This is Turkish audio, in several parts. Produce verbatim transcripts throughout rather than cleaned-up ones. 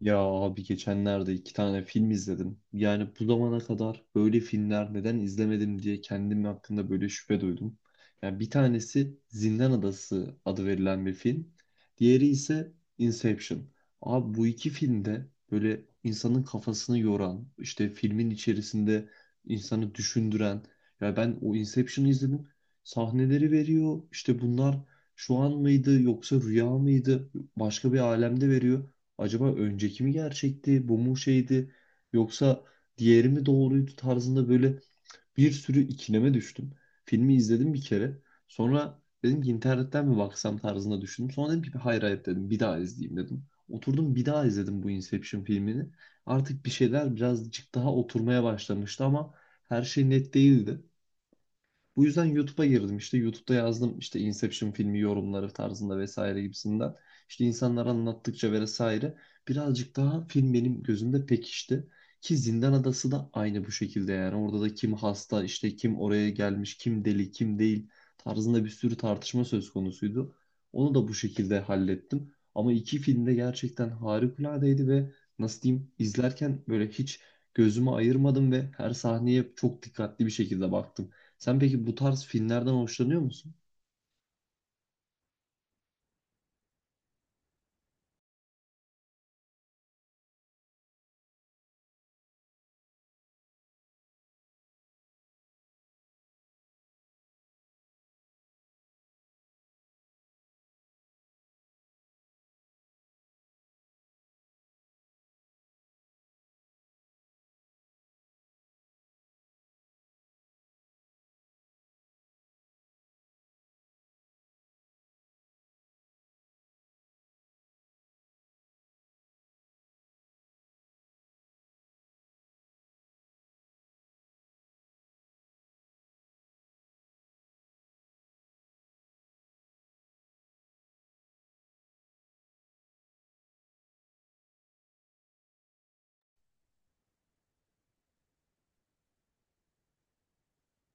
Ya abi geçenlerde iki tane film izledim. Yani bu zamana kadar böyle filmler neden izlemedim diye kendim hakkında böyle şüphe duydum. Yani bir tanesi Zindan Adası adı verilen bir film. Diğeri ise Inception. Abi bu iki filmde böyle insanın kafasını yoran, işte filmin içerisinde insanı düşündüren. Ya ben o Inception'ı izledim. Sahneleri veriyor. İşte bunlar şu an mıydı yoksa rüya mıydı? Başka bir alemde veriyor. Acaba önceki mi gerçekti, bu mu şeydi, yoksa diğeri mi doğruydu tarzında böyle bir sürü ikileme düştüm. Filmi izledim bir kere. Sonra dedim ki internetten mi baksam tarzında düşündüm. Sonra dedim ki hayır, hayır dedim, bir daha izleyeyim dedim. Oturdum bir daha izledim bu Inception filmini. Artık bir şeyler birazcık daha oturmaya başlamıştı, ama her şey net değildi. Bu yüzden YouTube'a girdim. İşte YouTube'da yazdım işte Inception filmi yorumları tarzında vesaire gibisinden. İşte insanlar anlattıkça vesaire birazcık daha film benim gözümde pekişti. Ki Zindan Adası da aynı bu şekilde yani. Orada da kim hasta, işte kim oraya gelmiş, kim deli, kim değil tarzında bir sürü tartışma söz konusuydu. Onu da bu şekilde hallettim. Ama iki film de gerçekten harikuladeydi ve nasıl diyeyim izlerken böyle hiç gözümü ayırmadım ve her sahneye çok dikkatli bir şekilde baktım. Sen peki bu tarz filmlerden hoşlanıyor musun?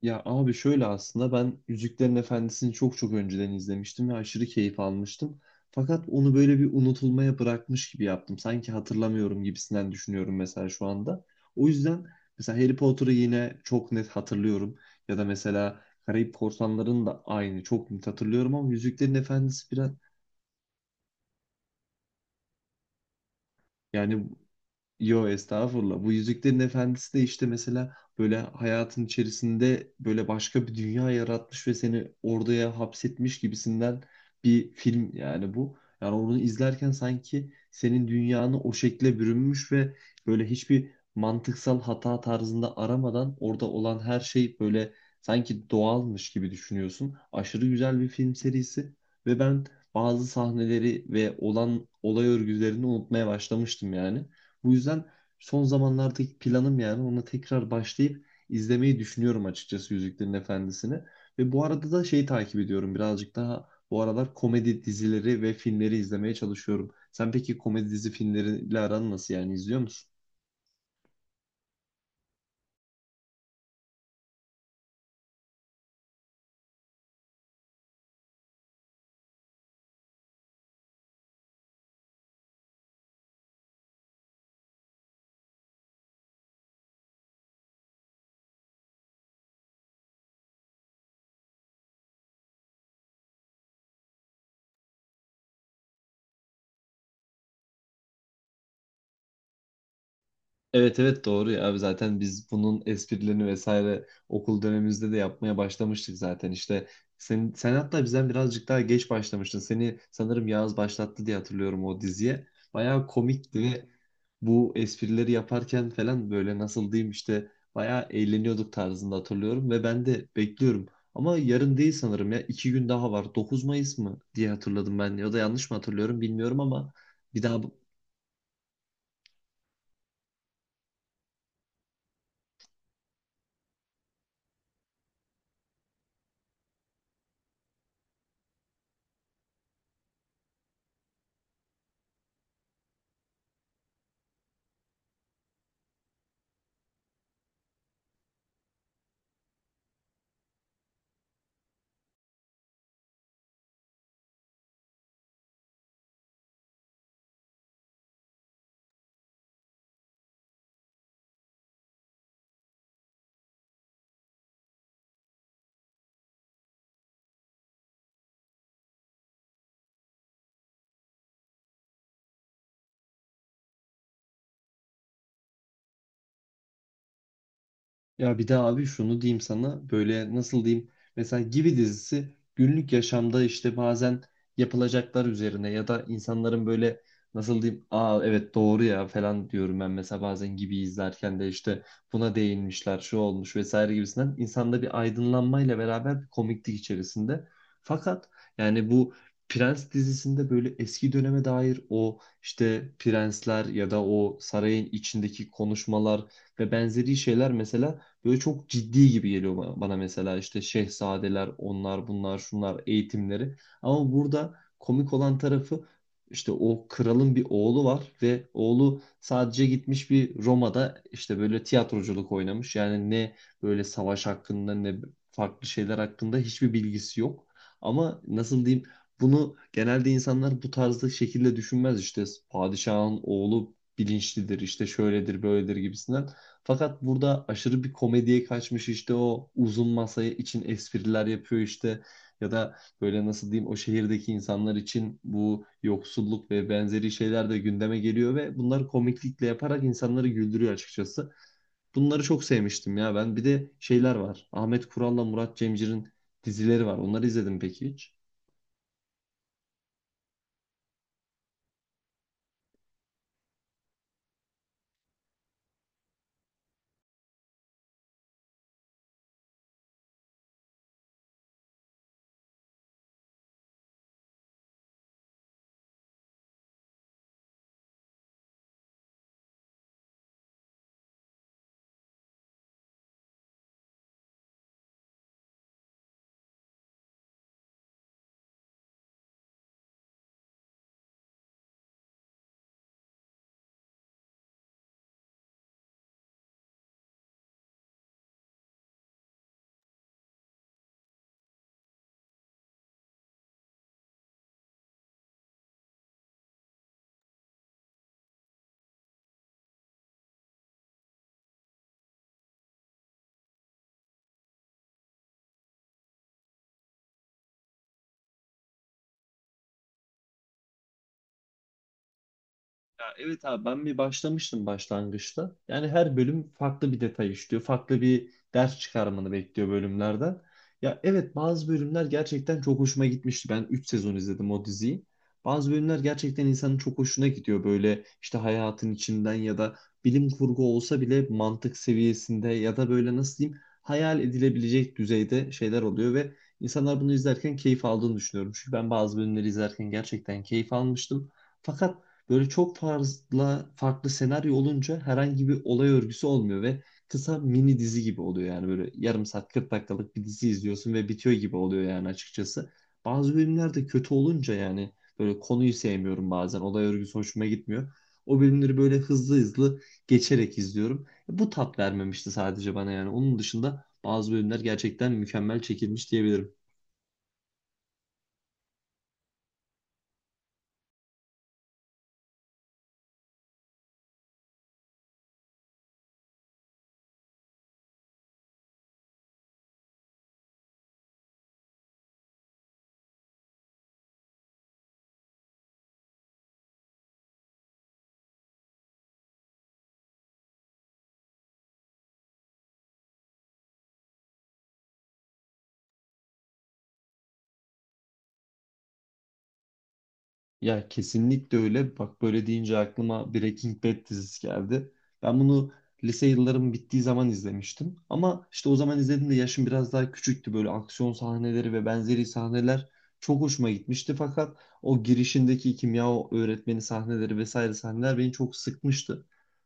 Ya abi şöyle, aslında ben Yüzüklerin Efendisi'ni çok çok önceden izlemiştim ve aşırı keyif almıştım. Fakat onu böyle bir unutulmaya bırakmış gibi yaptım. Sanki hatırlamıyorum gibisinden düşünüyorum mesela şu anda. O yüzden mesela Harry Potter'ı yine çok net hatırlıyorum. Ya da mesela Karayip Korsanları'nı da aynı çok net hatırlıyorum, ama Yüzüklerin Efendisi biraz, yani... Yo estağfurullah. Bu Yüzüklerin Efendisi de işte mesela böyle hayatın içerisinde böyle başka bir dünya yaratmış ve seni oraya hapsetmiş gibisinden bir film yani bu. Yani onu izlerken sanki senin dünyanı o şekle bürünmüş ve böyle hiçbir mantıksal hata tarzında aramadan orada olan her şey böyle sanki doğalmış gibi düşünüyorsun. Aşırı güzel bir film serisi ve ben bazı sahneleri ve olan olay örgülerini unutmaya başlamıştım yani. Bu yüzden son zamanlardaki planım, yani ona tekrar başlayıp izlemeyi düşünüyorum açıkçası, Yüzüklerin Efendisi'ni. Ve bu arada da şeyi takip ediyorum, birazcık daha bu aralar komedi dizileri ve filmleri izlemeye çalışıyorum. Sen peki komedi dizi filmleriyle aran nasıl, yani izliyor musun? Evet, evet, doğru ya abi, zaten biz bunun esprilerini vesaire okul dönemimizde de yapmaya başlamıştık zaten. İşte sen, sen hatta bizden birazcık daha geç başlamıştın, seni sanırım Yağız başlattı diye hatırlıyorum o diziye. Bayağı komikti ve bu esprileri yaparken falan böyle nasıl diyeyim işte bayağı eğleniyorduk tarzında hatırlıyorum ve ben de bekliyorum, ama yarın değil sanırım, ya iki gün daha var, dokuz Mayıs mı diye hatırladım ben, ya da yanlış mı hatırlıyorum bilmiyorum, ama bir daha... Ya bir de abi şunu diyeyim sana, böyle nasıl diyeyim, mesela Gibi dizisi günlük yaşamda işte bazen yapılacaklar üzerine ya da insanların böyle nasıl diyeyim, aa evet doğru ya falan diyorum ben mesela bazen Gibi izlerken de, işte buna değinmişler, şu olmuş vesaire gibisinden, insanda bir aydınlanmayla beraber bir komiklik içerisinde. Fakat yani bu Prens dizisinde böyle eski döneme dair o işte prensler ya da o sarayın içindeki konuşmalar ve benzeri şeyler mesela böyle çok ciddi gibi geliyor ba- bana, mesela işte şehzadeler, onlar, bunlar, şunlar, eğitimleri. Ama burada komik olan tarafı, işte o kralın bir oğlu var ve oğlu sadece gitmiş bir Roma'da işte böyle tiyatroculuk oynamış. Yani ne böyle savaş hakkında, ne farklı şeyler hakkında hiçbir bilgisi yok. Ama nasıl diyeyim, bunu genelde insanlar bu tarzda şekilde düşünmez, işte padişahın oğlu bilinçlidir, işte şöyledir böyledir gibisinden. Fakat burada aşırı bir komediye kaçmış, işte o uzun masaya için espriler yapıyor, işte ya da böyle nasıl diyeyim o şehirdeki insanlar için bu yoksulluk ve benzeri şeyler de gündeme geliyor ve bunları komiklikle yaparak insanları güldürüyor açıkçası. Bunları çok sevmiştim ya ben. Bir de şeyler var, Ahmet Kural'la Murat Cemcir'in dizileri var. Onları izledim peki hiç? Ya evet abi, ben bir başlamıştım başlangıçta. Yani her bölüm farklı bir detay işliyor. Farklı bir ders çıkarmanı bekliyor bölümlerden. Ya evet, bazı bölümler gerçekten çok hoşuma gitmişti. Ben üç sezon izledim o diziyi. Bazı bölümler gerçekten insanın çok hoşuna gidiyor. Böyle işte hayatın içinden ya da bilim kurgu olsa bile mantık seviyesinde ya da böyle nasıl diyeyim hayal edilebilecek düzeyde şeyler oluyor ve insanlar bunu izlerken keyif aldığını düşünüyorum. Çünkü ben bazı bölümleri izlerken gerçekten keyif almıştım. Fakat böyle çok fazla farklı senaryo olunca herhangi bir olay örgüsü olmuyor ve kısa mini dizi gibi oluyor, yani böyle yarım saat kırk dakikalık bir dizi izliyorsun ve bitiyor gibi oluyor yani açıkçası. Bazı bölümler de kötü olunca yani böyle konuyu sevmiyorum, bazen olay örgüsü hoşuma gitmiyor. O bölümleri böyle hızlı hızlı geçerek izliyorum. E, Bu tat vermemişti sadece bana yani. Onun dışında bazı bölümler gerçekten mükemmel çekilmiş diyebilirim. Ya kesinlikle öyle. Bak böyle deyince aklıma Breaking Bad dizisi geldi. Ben bunu lise yıllarım bittiği zaman izlemiştim. Ama işte o zaman izlediğimde yaşım biraz daha küçüktü. Böyle aksiyon sahneleri ve benzeri sahneler çok hoşuma gitmişti. Fakat o girişindeki kimya öğretmeni sahneleri vesaire sahneler beni çok sıkmıştı.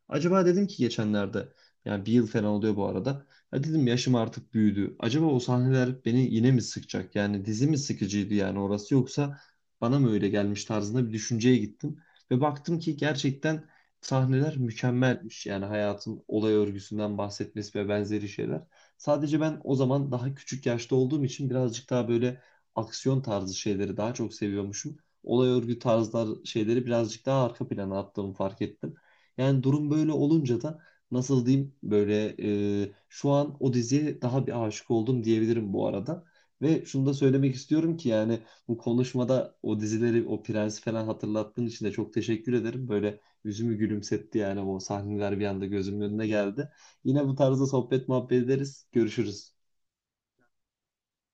Acaba dedim ki geçenlerde, yani bir yıl falan oluyor bu arada. Ya dedim yaşım artık büyüdü, acaba o sahneler beni yine mi sıkacak? Yani dizi mi sıkıcıydı yani orası, yoksa bana mı öyle gelmiş tarzında bir düşünceye gittim. Ve baktım ki gerçekten sahneler mükemmelmiş. Yani hayatın olay örgüsünden bahsetmesi ve benzeri şeyler. Sadece ben o zaman daha küçük yaşta olduğum için birazcık daha böyle aksiyon tarzı şeyleri daha çok seviyormuşum. Olay örgü tarzlar şeyleri birazcık daha arka plana attığımı fark ettim. Yani durum böyle olunca da nasıl diyeyim böyle e, şu an o diziye daha bir aşık oldum diyebilirim bu arada. Ve şunu da söylemek istiyorum ki, yani bu konuşmada o dizileri, o prensi falan hatırlattığın için de çok teşekkür ederim. Böyle yüzümü gülümsetti, yani o sahneler bir anda gözümün önüne geldi. Yine bu tarzda sohbet muhabbet ederiz. Görüşürüz.